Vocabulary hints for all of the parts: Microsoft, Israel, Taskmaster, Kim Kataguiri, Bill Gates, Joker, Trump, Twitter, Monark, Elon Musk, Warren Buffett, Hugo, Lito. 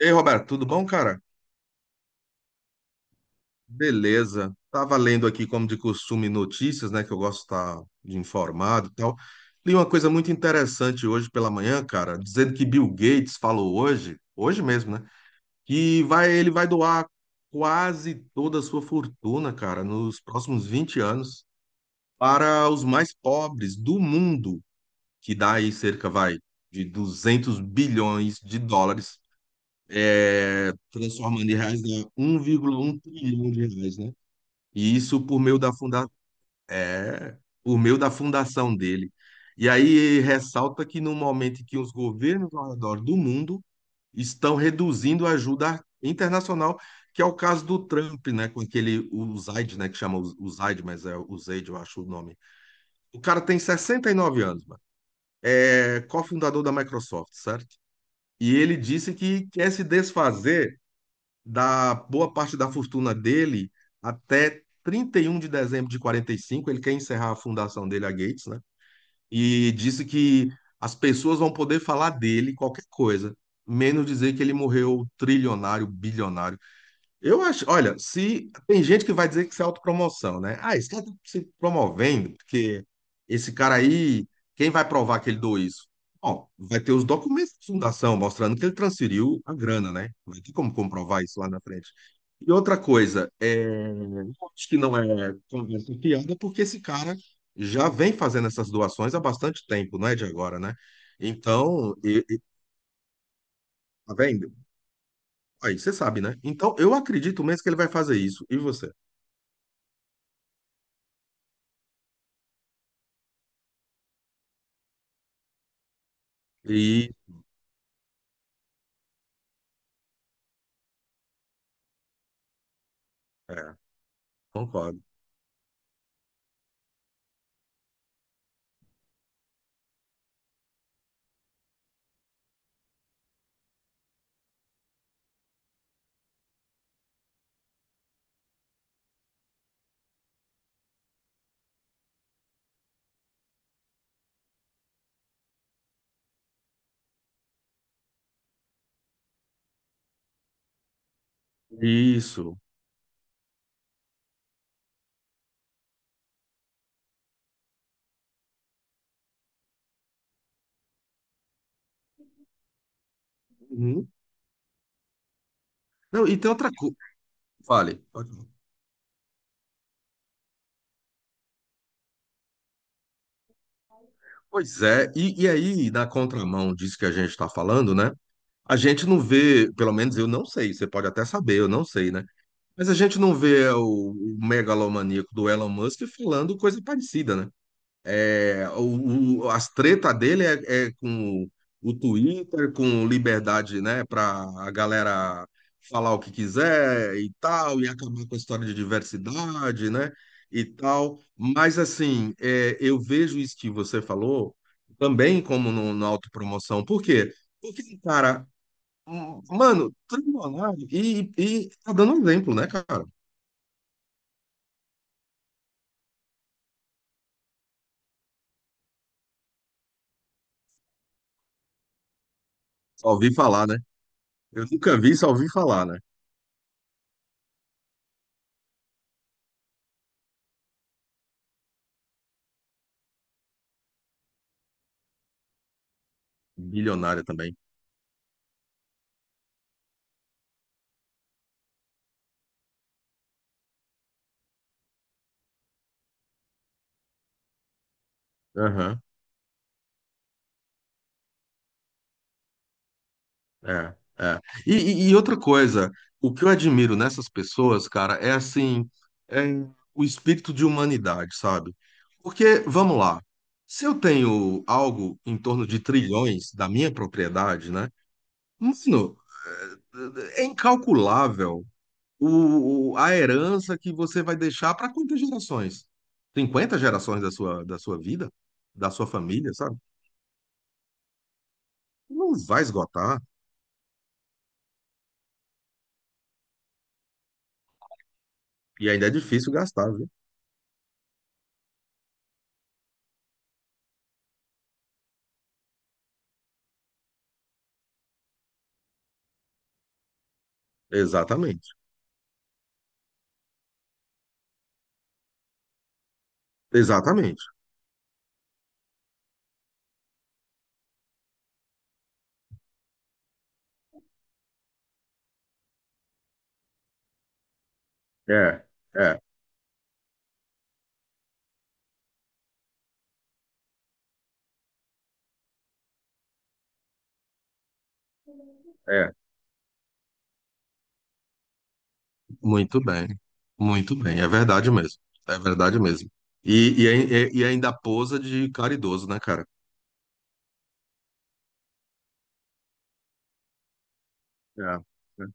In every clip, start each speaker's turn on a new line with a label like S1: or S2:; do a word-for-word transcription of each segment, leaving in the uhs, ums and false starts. S1: Ei, Roberto, tudo bom, cara? Beleza. Tava lendo aqui, como de costume, notícias, né? Que eu gosto de estar de informado e tal. Li uma coisa muito interessante hoje pela manhã, cara, dizendo que Bill Gates falou hoje, hoje mesmo, né? Que vai, ele vai doar quase toda a sua fortuna, cara, nos próximos vinte anos para os mais pobres do mundo, que dá aí cerca, vai, de duzentos bilhões de dólares, é, transformando em reais, dá um vírgula um trilhão de reais, né? E isso por meio da funda... é, por meio da fundação dele. E aí ressalta que no momento em que os governos ao redor do mundo estão reduzindo a ajuda internacional, que é o caso do Trump, né, com aquele o Zaid, né, que chama o o Zaid, mas é o Zaid, eu acho o nome. O cara tem sessenta e nove anos, mano. É cofundador da Microsoft, certo? E ele disse que quer se desfazer da boa parte da fortuna dele até trinta e um de dezembro de quarenta e cinco. Ele quer encerrar a fundação dele, a Gates, né? E disse que as pessoas vão poder falar dele qualquer coisa, menos dizer que ele morreu trilionário, bilionário. Eu acho, olha, se tem gente que vai dizer que isso é autopromoção, né? Ah, esse cara tá se promovendo, porque esse cara aí, quem vai provar que ele doou isso? Bom, vai ter os documentos de fundação mostrando que ele transferiu a grana, né? Vai ter como comprovar isso lá na frente. E outra coisa, é, eu acho que não é conversa fiada, porque esse cara já vem fazendo essas doações há bastante tempo, não é de agora, né? Então, e, e- tá vendo? Aí você sabe, né? Então, eu acredito mesmo que ele vai fazer isso. E você? Isso, é, concordo. Isso. Uhum. Não, e tem outra coisa. Fale. Pode falar. Pois é, e, e aí, na contramão disso que a gente está falando, né? A gente não vê, pelo menos eu não sei, você pode até saber, eu não sei, né? Mas a gente não vê o, o megalomaníaco do Elon Musk falando coisa parecida, né? É, o, o- as treta dele é, é com o Twitter, com liberdade, né, para a galera falar o que quiser e tal, e acabar com a história de diversidade, né, e tal. Mas, assim, é, eu vejo isso que você falou também como no, na autopromoção. Por quê? Porque, cara, hum, mano, trilionário e, e tá dando um exemplo, né, cara? Só ouvi falar, né? Eu nunca vi, só ouvi falar, né? Bilionária também. Aham. É, é. E, e- e outra coisa, o que eu admiro nessas pessoas, cara, é assim, é o espírito de humanidade, sabe? Porque, vamos lá, se eu tenho algo em torno de trilhões da minha propriedade, né? Mano, é é incalculável o, o- a herança que você vai deixar para quantas gerações? Cinquenta gerações da sua, da sua vida, da sua família, sabe? Não vai esgotar. E ainda é difícil gastar, viu? Exatamente. Exatamente. É, é, é. Muito bem. Muito bem. É verdade mesmo. É verdade mesmo. E, e, ai- e ainda posa de caridoso, né, cara? É,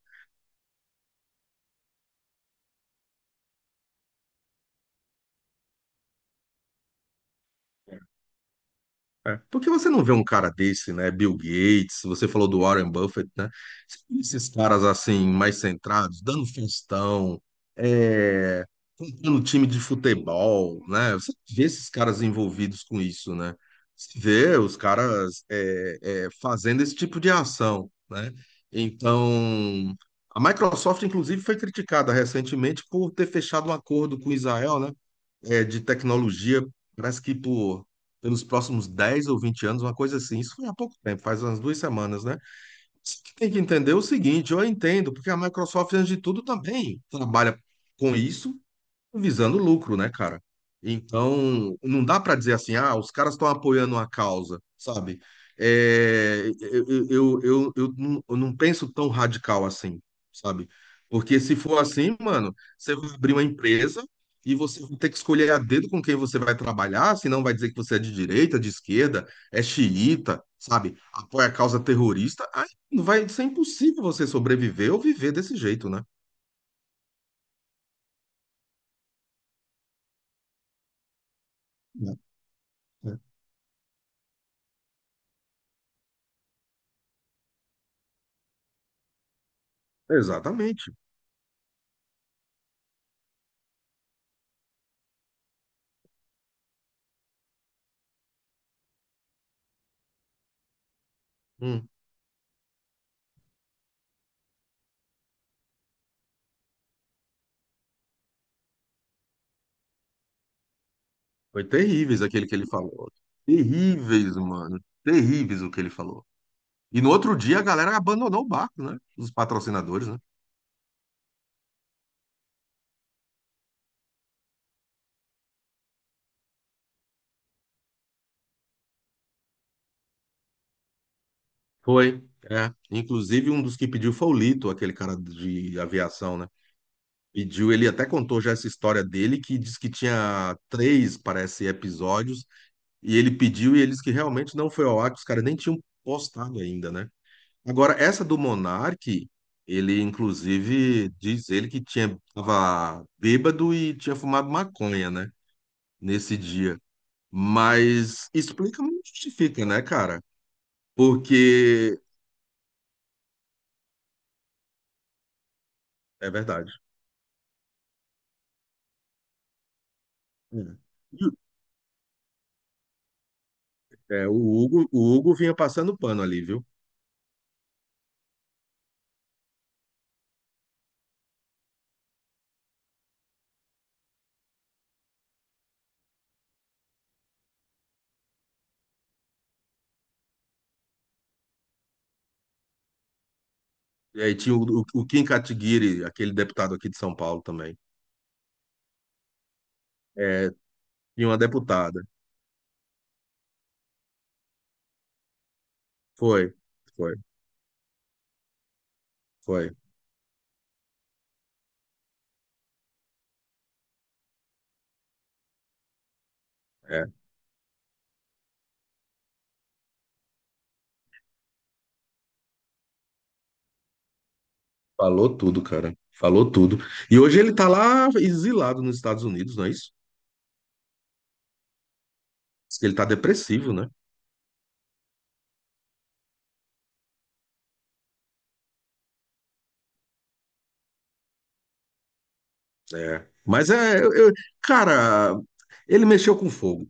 S1: é. Porque você não vê um cara desse, né? Bill Gates, você falou do Warren Buffett, né? Você vê esses caras assim, mais centrados, dando festão, é, comprando time de futebol, né? Você vê esses caras envolvidos com isso, né? Você vê os caras é, é, fazendo esse tipo de ação, né? Então, a Microsoft, inclusive, foi criticada recentemente por ter fechado um acordo com Israel, né? É, de tecnologia, parece que por, pelos próximos dez ou vinte anos, uma coisa assim. Isso foi há pouco tempo, faz umas duas semanas, né? Só que tem que entender o seguinte, eu entendo, porque a Microsoft, antes de tudo, também trabalha com isso visando lucro, né, cara? Então, não dá para dizer assim, ah, os caras estão apoiando uma causa, sabe? É, eu, eu, eu, eu, não, eu não penso tão radical assim, sabe? Porque se for assim, mano, você vai abrir uma empresa e você vai ter que escolher a dedo com quem você vai trabalhar, senão vai dizer que você é de direita, de esquerda, é xiita, sabe? Apoia a causa terrorista, aí vai ser impossível você sobreviver ou viver desse jeito, né? É, é. Exatamente. Hum. Foi terríveis aquele que ele falou. Terríveis, mano. Terríveis o que ele falou. E no outro dia a galera abandonou o barco, né? Os patrocinadores, né? Foi. É. Inclusive um dos que pediu foi o Lito, aquele cara de aviação, né? Pediu, ele até contou já essa história dele, que diz que tinha três, parece, episódios, e ele pediu e eles que realmente não foi ao ar, que os caras nem tinham postado ainda, né? Agora, essa do Monark, ele inclusive diz ele que tinha tava bêbado e tinha fumado maconha, né? Nesse dia. Mas explica, mas não justifica, né, cara? Porque é verdade. Hum. E o- É, o Hugo, o Hugo vinha passando pano ali, viu? E aí tinha o, o, o Kim Kataguiri, aquele deputado aqui de São Paulo também. É, tinha uma deputada. Foi, foi, foi. É, falou tudo, cara. Falou tudo. E hoje ele tá lá exilado nos Estados Unidos, não é isso? Diz que ele tá depressivo, né? É. Mas é, eu- eu- cara, ele mexeu com fogo.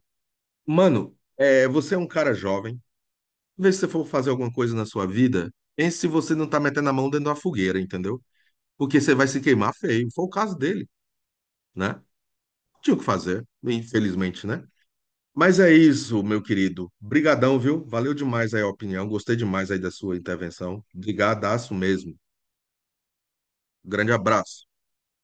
S1: Mano, é, você é um cara jovem. Vê se você for fazer alguma coisa na sua vida, pense se você não tá metendo a mão dentro da fogueira, entendeu? Porque você vai se queimar feio. Foi o caso dele, né? Tinha o que fazer, infelizmente, né? Mas é isso, meu querido. Brigadão, viu? Valeu demais aí a opinião. Gostei demais aí da sua intervenção. Brigadaço mesmo. Grande abraço.